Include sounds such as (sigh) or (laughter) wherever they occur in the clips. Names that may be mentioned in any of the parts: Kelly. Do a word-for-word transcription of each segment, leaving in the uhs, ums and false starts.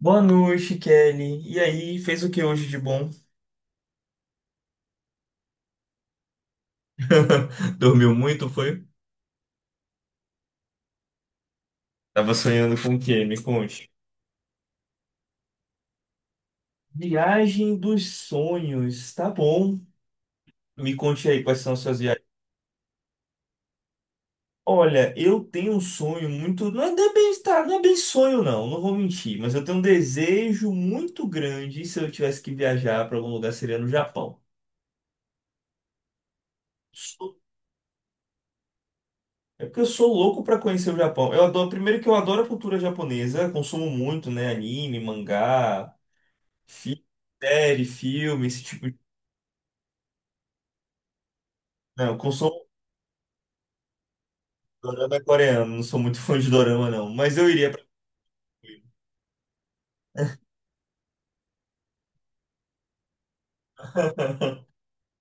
Boa noite, Kelly. E aí, fez o que hoje de bom? (laughs) Dormiu muito, foi? Tava sonhando com o quê? Me conte. Viagem dos sonhos, tá bom. Me conte aí quais são as suas viagens. Olha, eu tenho um sonho muito. Não é não é bem, tá, não é bem sonho, não, não vou mentir, mas eu tenho um desejo muito grande. E se eu tivesse que viajar para algum lugar, seria no Japão. Sou- É porque eu sou louco para conhecer o Japão. Eu adoro, primeiro que eu adoro a cultura japonesa, consumo muito, né? Anime, mangá. Fi- Série, filme, esse tipo de. Não, eu consumo dorama coreano, não sou muito fã de dorama, não. Mas eu iria pra.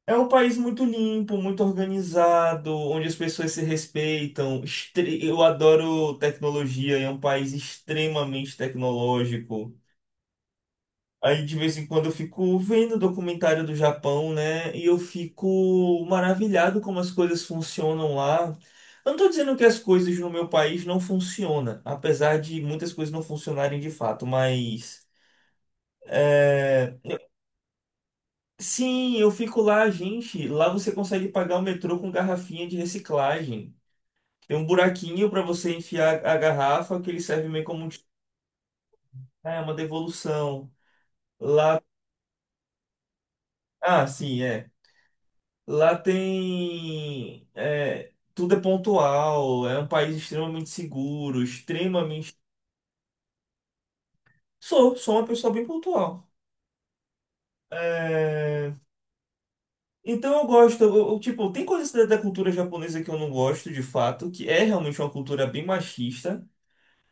É um país muito limpo, muito organizado, onde as pessoas se respeitam. Estre- Eu adoro tecnologia, é um país extremamente tecnológico. Aí de vez em quando eu fico vendo documentário do Japão, né? E eu fico maravilhado como as coisas funcionam lá. Eu não tô dizendo que as coisas no meu país não funcionam, apesar de muitas coisas não funcionarem de fato, mas é, Sim, eu fico lá, gente. Lá você consegue pagar o metrô com garrafinha de reciclagem. Tem um buraquinho para você enfiar a garrafa que ele serve meio como um. É uma devolução. Ah, sim, é. Lá tem. É, tudo é pontual, é um país extremamente seguro, extremamente. Sou, sou uma pessoa bem pontual. É, então eu gosto, eu- eu, tipo, tem coisas da, da cultura japonesa que eu não gosto, de fato, que é realmente uma cultura bem machista.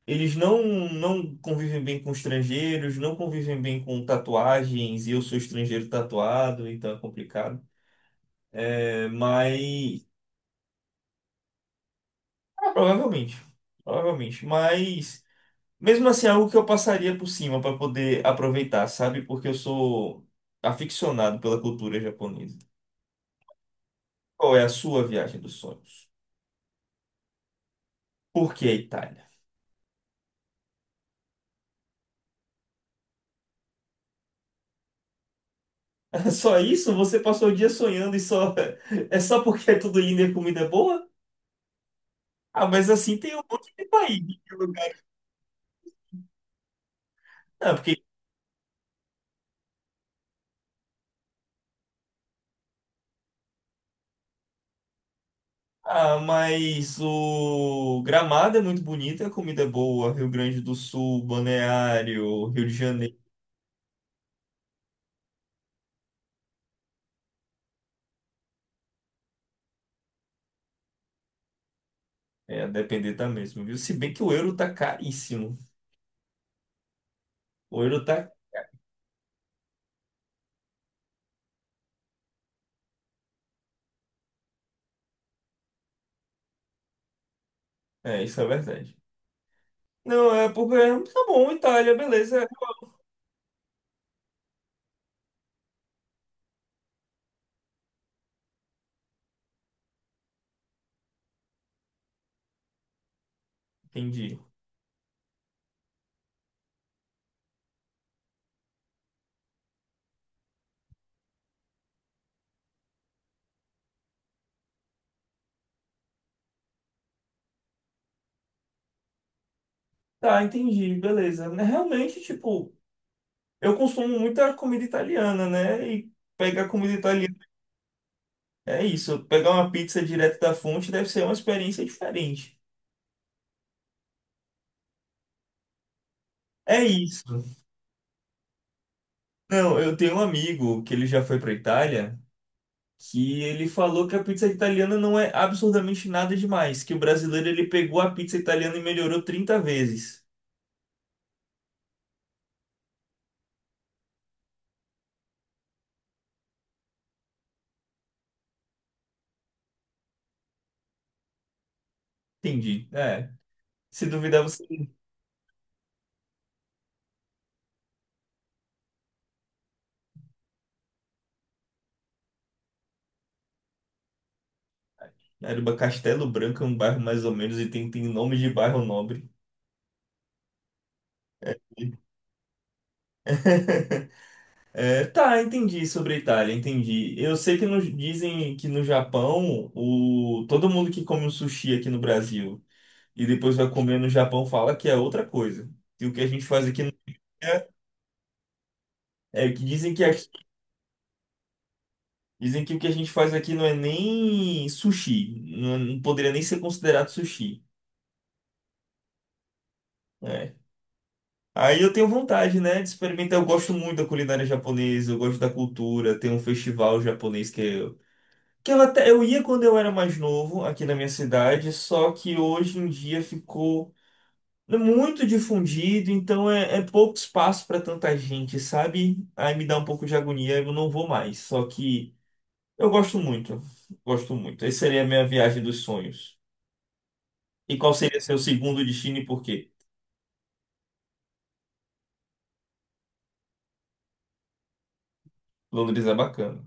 Eles não, não convivem bem com estrangeiros, não convivem bem com tatuagens, e eu sou estrangeiro tatuado, então é complicado. É, mas. Ah, provavelmente. Provavelmente. Mas. Mesmo assim, é algo que eu passaria por cima para poder aproveitar, sabe? Porque eu sou aficionado pela cultura japonesa. Qual é a sua viagem dos sonhos? Por que a Itália? (laughs) Só isso? Você passou o dia sonhando e só (laughs) é só porque é tudo lindo e a comida é boa? Ah, mas assim tem um monte de país, né, de lugar. Não, porque ah, mas o Gramado é muito bonito, a comida é boa, Rio Grande do Sul, Balneário, Rio de Janeiro. É, a depender tá mesmo, viu? Se bem que o euro tá caríssimo. O euro tá. É, isso é verdade. Não, é porque tá bom, Itália, beleza. Entendi. Tá, entendi, beleza. Né, realmente, tipo, eu consumo muita comida italiana, né? E pegar comida italiana é isso. Pegar uma pizza direto da fonte deve ser uma experiência diferente. É isso. Não, eu tenho um amigo que ele já foi pra Itália, que ele falou que a pizza italiana não é absurdamente nada demais, que o brasileiro ele pegou a pizza italiana e melhorou trinta vezes. Entendi. É. Se duvidar, você. Caramba, Castelo Branco é um bairro mais ou menos e tem, tem nome de bairro nobre. (laughs) É, tá, entendi sobre a Itália, entendi. Eu sei que no- dizem que no Japão o, todo mundo que come um sushi aqui no Brasil e depois vai comer no Japão fala que é outra coisa. E o que a gente faz aqui não é, é que dizem que aqui- dizem que o que a gente faz aqui não é nem sushi, não, não poderia nem ser considerado sushi. Né? Aí eu tenho vontade, né, de experimentar. Eu gosto muito da culinária japonesa, eu gosto da cultura. Tem um festival japonês que eu, que eu até eu ia quando eu era mais novo aqui na minha cidade, só que hoje em dia ficou muito difundido, então é, é pouco espaço para tanta gente, sabe? Aí me dá um pouco de agonia, eu não vou mais. Só que eu gosto muito, gosto muito. Essa seria a minha viagem dos sonhos. E qual seria seu segundo destino e por quê? Londres é bacana.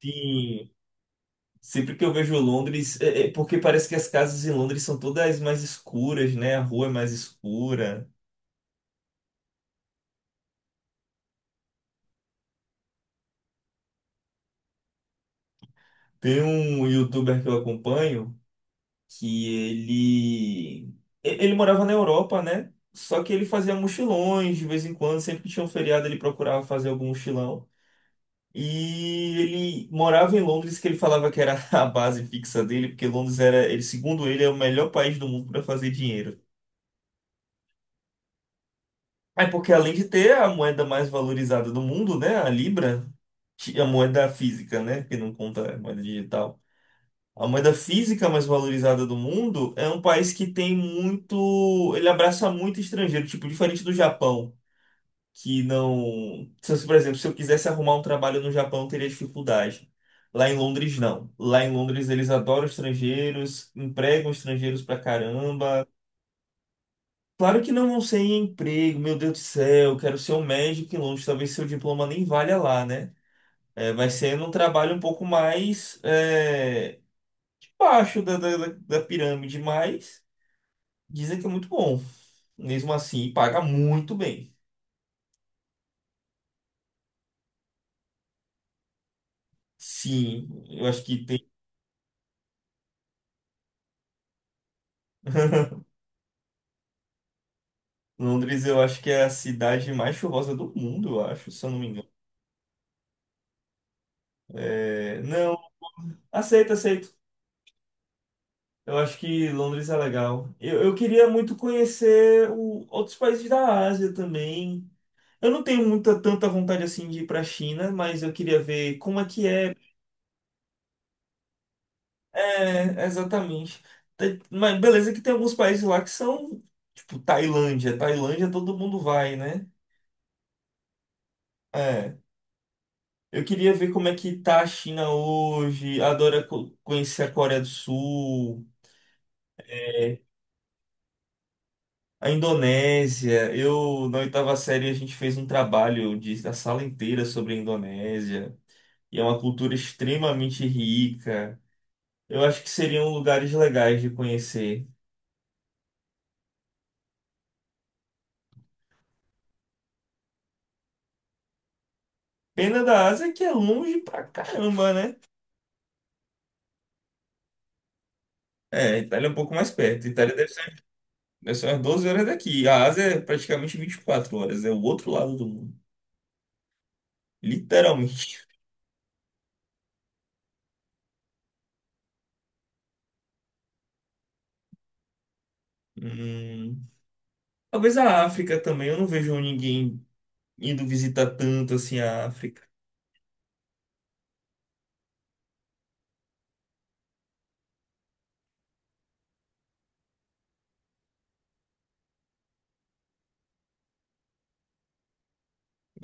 Sim, sempre que eu vejo Londres, é, é porque parece que as casas em Londres são todas mais escuras, né? A rua é mais escura. Tem um youtuber que eu acompanho que ele e- ele morava na Europa, né? Só que ele fazia mochilões de vez em quando, sempre que tinha um feriado ele procurava fazer algum mochilão. E ele morava em Londres, que ele falava que era (laughs) a base fixa dele, porque Londres era, ele, segundo ele, é o melhor país do mundo para fazer dinheiro. É porque além de ter a moeda mais valorizada do mundo, né, a Libra, que a moeda física, né? Que não conta a moeda digital. A moeda física mais valorizada do mundo é um país que tem muito. Ele abraça muito estrangeiro, tipo, diferente do Japão, que não. Se, eu- Por exemplo, se eu quisesse arrumar um trabalho no Japão, eu teria dificuldade. Lá em Londres, não. Lá em Londres, eles adoram estrangeiros, empregam estrangeiros pra caramba. Claro que não vão ser em emprego, meu Deus do céu, quero ser um médico em Londres, talvez seu diploma nem valha lá, né? É, vai sendo um trabalho um pouco mais é, baixo da, da, da da pirâmide, mas dizem que é muito bom. Mesmo assim, paga muito bem. Sim, eu acho que tem. (laughs) Londres, eu acho que é a cidade mais chuvosa do mundo, eu acho, se eu não me engano. É, não, aceito, aceito. Eu acho que Londres é legal. Eu, eu queria muito conhecer o- outros países da Ásia também. Eu não tenho muita tanta vontade assim de ir para a China, mas eu queria ver como é que é. É, exatamente. Te- Mas beleza que tem alguns países lá que são, tipo, Tailândia. Tailândia todo mundo vai, né? É. Eu queria ver como é que tá a China hoje. Adoro co- conhecer a Coreia do Sul, é, a Indonésia. Eu, na oitava série, a gente fez um trabalho de, da sala inteira sobre a Indonésia. E é uma cultura extremamente rica. Eu acho que seriam lugares legais de conhecer. Pena da Ásia é que é longe pra caramba, né? É, a Itália é um pouco mais perto. A Itália deve ser, deve ser umas 12 horas daqui. A Ásia é praticamente vinte e quatro horas. É o outro lado do mundo. Literalmente. (laughs) Hum, talvez a África também. Eu não vejo ninguém indo visitar tanto assim a África.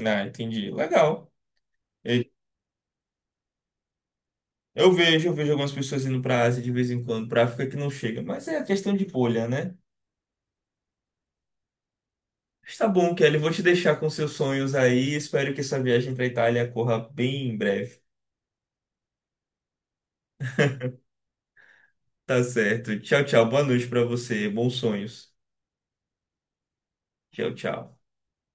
Ah, entendi. Legal. Eu, eu vejo, eu vejo, algumas pessoas indo pra Ásia de vez em quando, pra África que não chega. Mas é a questão de bolha, né? Mas tá bom, Kelly. Vou te deixar com seus sonhos aí. Espero que essa viagem pra Itália corra bem em breve. Tá certo. Tchau, tchau. Boa noite pra você. Bons sonhos. Tchau, tchau.